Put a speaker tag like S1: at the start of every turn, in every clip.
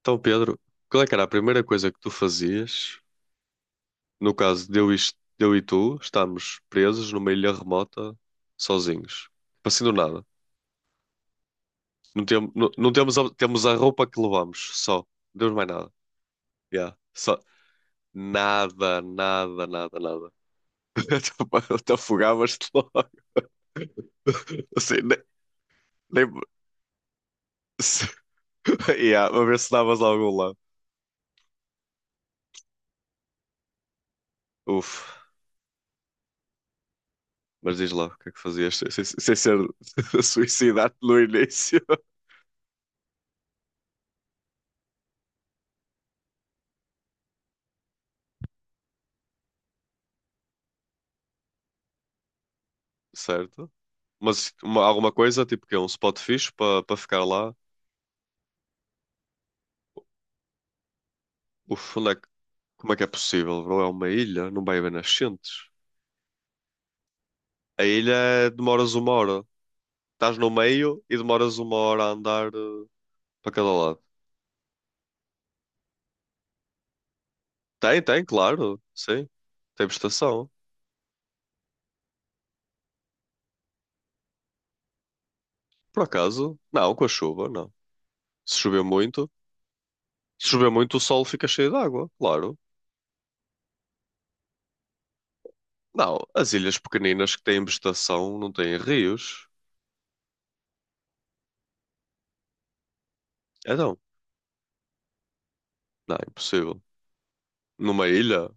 S1: Então, Pedro, qual é que era a primeira coisa que tu fazias? No caso de eu e, est- de eu e tu estamos presos numa ilha remota, sozinhos. Assim do nada. Não, não temos, temos a roupa que levamos, só. Não temos mais nada. Yeah. Só. Nada, nada, nada, nada. Até afogavas-te logo. Assim, nem, nem... Yeah, a ver se davas a algum lado. Uf. Mas diz lá, o que é que fazias sem ser suicidar no início? Certo? Alguma coisa, tipo que é um spot fixe para ficar lá. Uf, como é que é possível, bro? É uma ilha, não vai haver nascentes. Demoras uma hora. Estás no meio e demoras uma hora a andar para cada lado. Tem, tem, claro, sim. Tem estação. Por acaso? Não, com a chuva, não. Se chover muito, se chover muito, o sol fica cheio de água, claro. Não, as ilhas pequeninas que têm vegetação não têm rios. Então, não, é impossível. Numa ilha?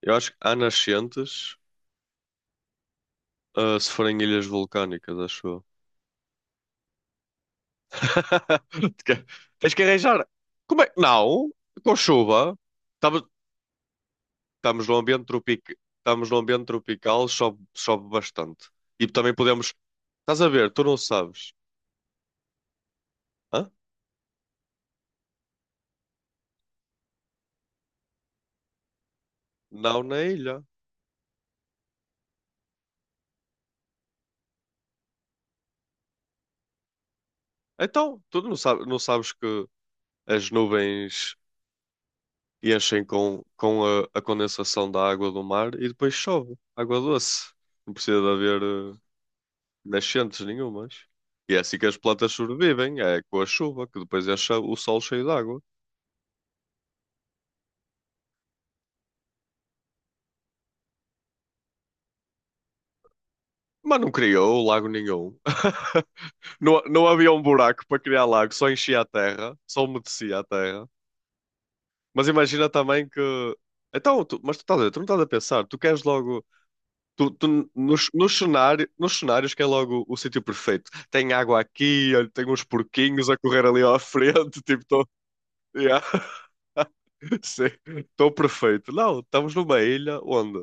S1: Eu acho que há nascentes, se forem ilhas vulcânicas, acho eu. Porque tens que arranjar. Como é? Não, com chuva. Estamos, estamos num ambiente tropical, estamos num ambiente tropical, chove, chove bastante. E também podemos. Estás a ver, tu não sabes. Hã? Não na ilha. Então, tu não sabes, não sabes que as nuvens enchem com a condensação da água do mar e depois chove. Água doce. Não precisa de haver nascentes nenhumas. E é assim que as plantas sobrevivem, é com a chuva, que depois enche o solo cheio de água. Mas não criou lago nenhum. Não, não havia um buraco para criar lago, só enchia a terra, só umedecia a terra. Mas imagina também que. Mas tu, estás a ver, tu não estás a pensar, tu queres logo. Tu, tu, nos, nos, cenário, nos cenários que é logo o sítio perfeito. Tem água aqui, olha, tem uns porquinhos a correr ali à frente, tipo, Yeah. Sim, estou perfeito. Não, estamos numa ilha onde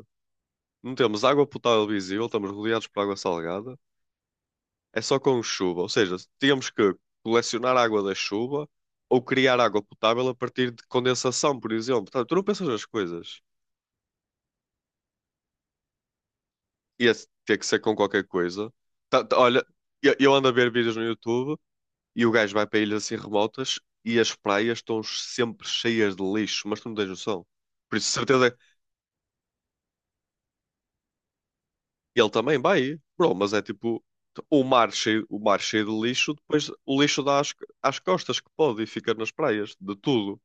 S1: não temos água potável visível, estamos rodeados por água salgada, é só com chuva. Ou seja, tínhamos que colecionar água da chuva ou criar água potável a partir de condensação, por exemplo. Portanto, tu não pensas nas coisas. Ia ter que ser com qualquer coisa. Olha, eu ando a ver vídeos no YouTube e o gajo vai para ilhas assim remotas e as praias estão sempre cheias de lixo, mas tu não tens noção. Por isso, certeza. E ele também vai, bro, mas é tipo o mar cheio de lixo, depois o lixo dá às, às costas que pode e fica nas praias, de tudo.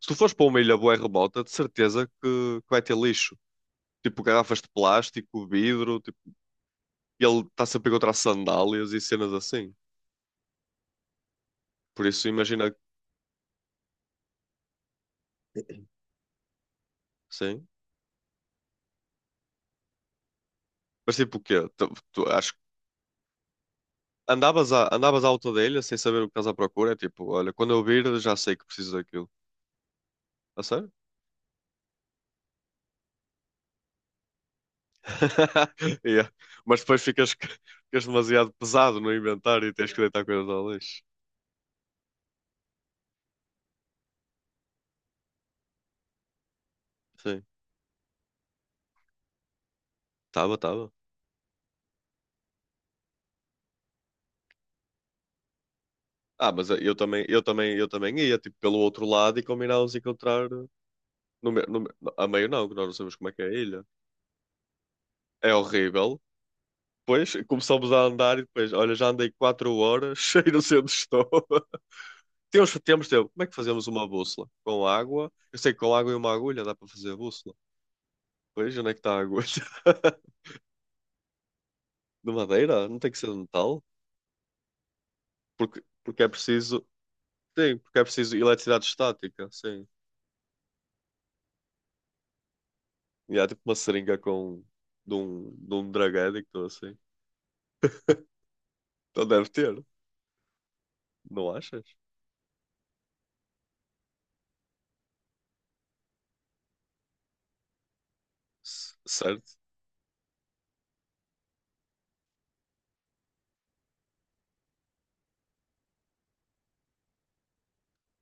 S1: Se tu fores para uma ilha bué remota, de certeza que vai ter lixo. Tipo garrafas de plástico, vidro, tipo, e ele está sempre a encontrar sandálias e cenas assim. Por isso imagina, sim. Mas tipo o quê? Acho que andavas à, andavas à alta da ilha sem saber o que estás à procura, é tipo, olha, quando eu vir já sei que preciso daquilo. A sério? Yeah. Mas depois ficas, ficas demasiado pesado no inventário e tens que deitar coisas ao lixo. Sim, tava, tava. Ah, mas eu também ia tipo pelo outro lado e combinávamos encontrar no, me- no, me- a meio não, que nós não sabemos como é que é a ilha. É horrível. Depois começamos a andar e depois, olha, já andei 4 horas, cheio não sei onde estou. Temos, temos tempo. Como é que fazemos uma bússola? Com água? Eu sei que com água e uma agulha dá para fazer a bússola. Pois, onde é que está a agulha? De madeira? Não tem que ser de metal? Porque, porque é preciso. Sim, porque é preciso eletricidade estática, sim. E há tipo uma seringa com de um drug addict ou assim. Então deve ter, não achas? C- Certo?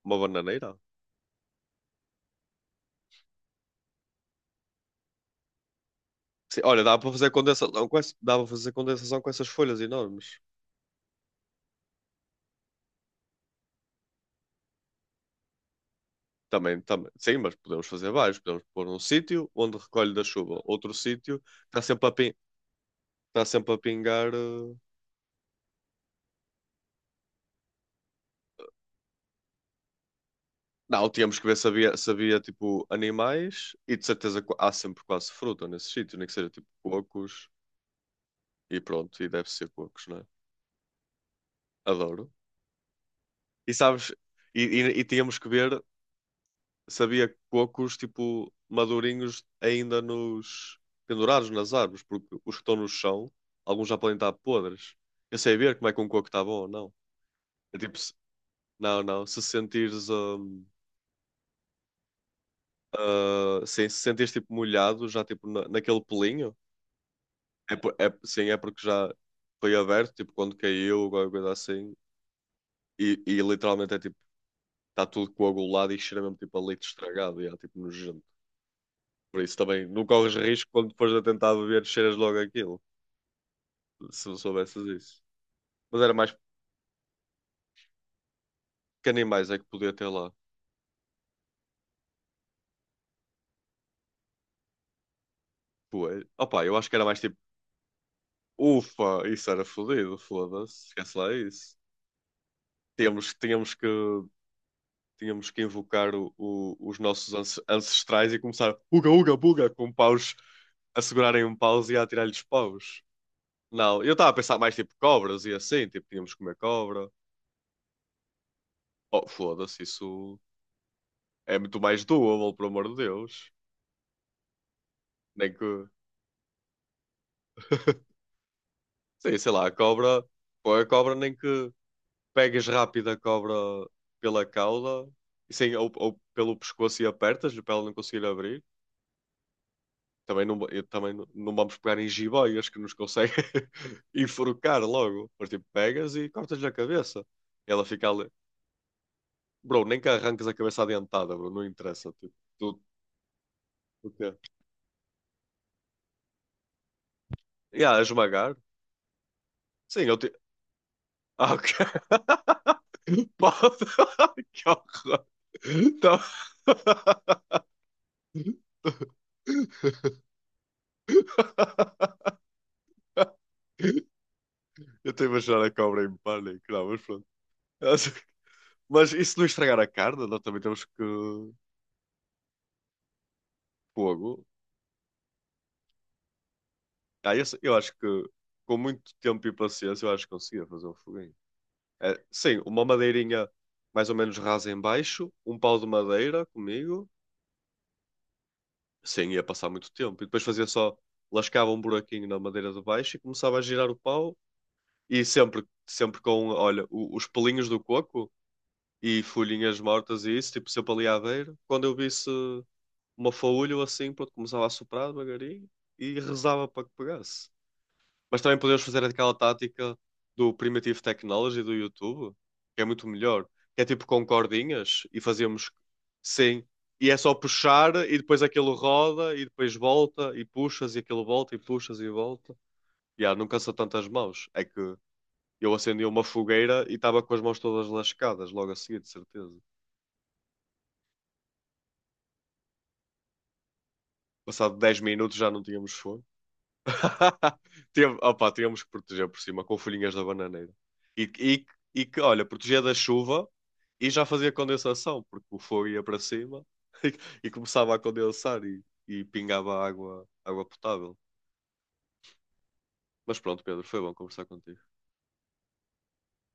S1: Uma bananeira. Sim, olha, dá para fazer condensação com essa, dá para fazer condensação com essas folhas enormes. Também, também. Sim, mas podemos fazer vários. Podemos pôr um sítio onde recolhe da chuva, outro sítio está sempre a pingar. Eh, Não, tínhamos que ver se havia, se havia, tipo animais e de certeza há sempre quase fruta nesse sítio, nem que seja tipo cocos e pronto, e deve ser cocos, né? Adoro. E sabes, e tínhamos que ver se havia cocos tipo madurinhos ainda nos pendurados nas árvores, porque os que estão no chão, alguns já podem estar podres. Eu sei ver como é que um coco está bom ou não. É tipo, não, não, se sentires, ah, sim, se sentires tipo molhado já tipo naquele pelinho. É, é, sim, é porque já foi aberto, tipo, quando caiu, alguma coisa assim. Literalmente é tipo, está tudo coagulado e cheira mesmo tipo a leite estragado e é tipo nojento. Por isso também não corres risco quando depois a tentar beber, cheiras logo aquilo, se soubesses isso. Mas era mais que animais é que podia ter lá. Coelho. Opa, eu acho que era mais tipo, ufa, isso era fodido, foda-se, esquece lá isso. Tínhamos, tínhamos que tínhamos que invocar os nossos ancestrais e começar uga, uga, buga, com paus, a segurarem um paus e a atirar-lhes paus. Não, eu estava a pensar mais tipo cobras e assim, tipo, tínhamos que comer cobra. Oh, foda-se, isso é muito mais doable, pelo amor de Deus. Nem que, sim, sei lá, a cobra, põe a cobra, nem que pegues rápido a cobra pela cauda, e sim, ou pelo pescoço e apertas-lhe para ela não conseguir abrir. Também não, eu também não, não vamos pegar em jiboias que nos conseguem enforcar logo. Mas tipo, pegas e cortas-lhe a cabeça. E ela fica ali. Bro, nem que arranques a cabeça adiantada, bro. Não interessa. Tipo, tu, o quê? E a esmagar? Sim, eu te. Ah, ok. Pode. Que horror. Tá- Eu estou a imaginar a cobra em pânico. Não, mas pronto. Mas isso não estragar a carne, nós também temos que. Fogo. Ah, eu acho que com muito tempo e paciência eu acho que conseguia fazer um foguinho. É, sim, uma madeirinha mais ou menos rasa em baixo, um pau de madeira comigo. Sim, ia passar muito tempo. E depois fazia só, lascava um buraquinho na madeira de baixo e começava a girar o pau. E sempre, sempre com, olha, os pelinhos do coco e folhinhas mortas e isso, tipo sempre ali à beira. Quando eu visse uma faúlha ou assim, pronto, começava a soprar devagarinho e rezava para que pegasse. Mas também podemos fazer aquela tática do Primitive Technology do YouTube, que é muito melhor. Que é tipo com cordinhas e fazemos sim. E é só puxar e depois aquilo roda e depois volta e puxas e aquilo volta e puxas e volta. E não cansa tanto as mãos. É que eu acendi uma fogueira e estava com as mãos todas lascadas logo a seguir, de certeza. Passado 10 minutos já não tínhamos fogo. Tem- opá, tínhamos que proteger por cima com folhinhas da bananeira. E, e, e que, olha, protegia da chuva e já fazia condensação, porque o fogo ia para cima e, e começava a condensar e pingava água, água potável. Mas pronto, Pedro, foi bom conversar contigo.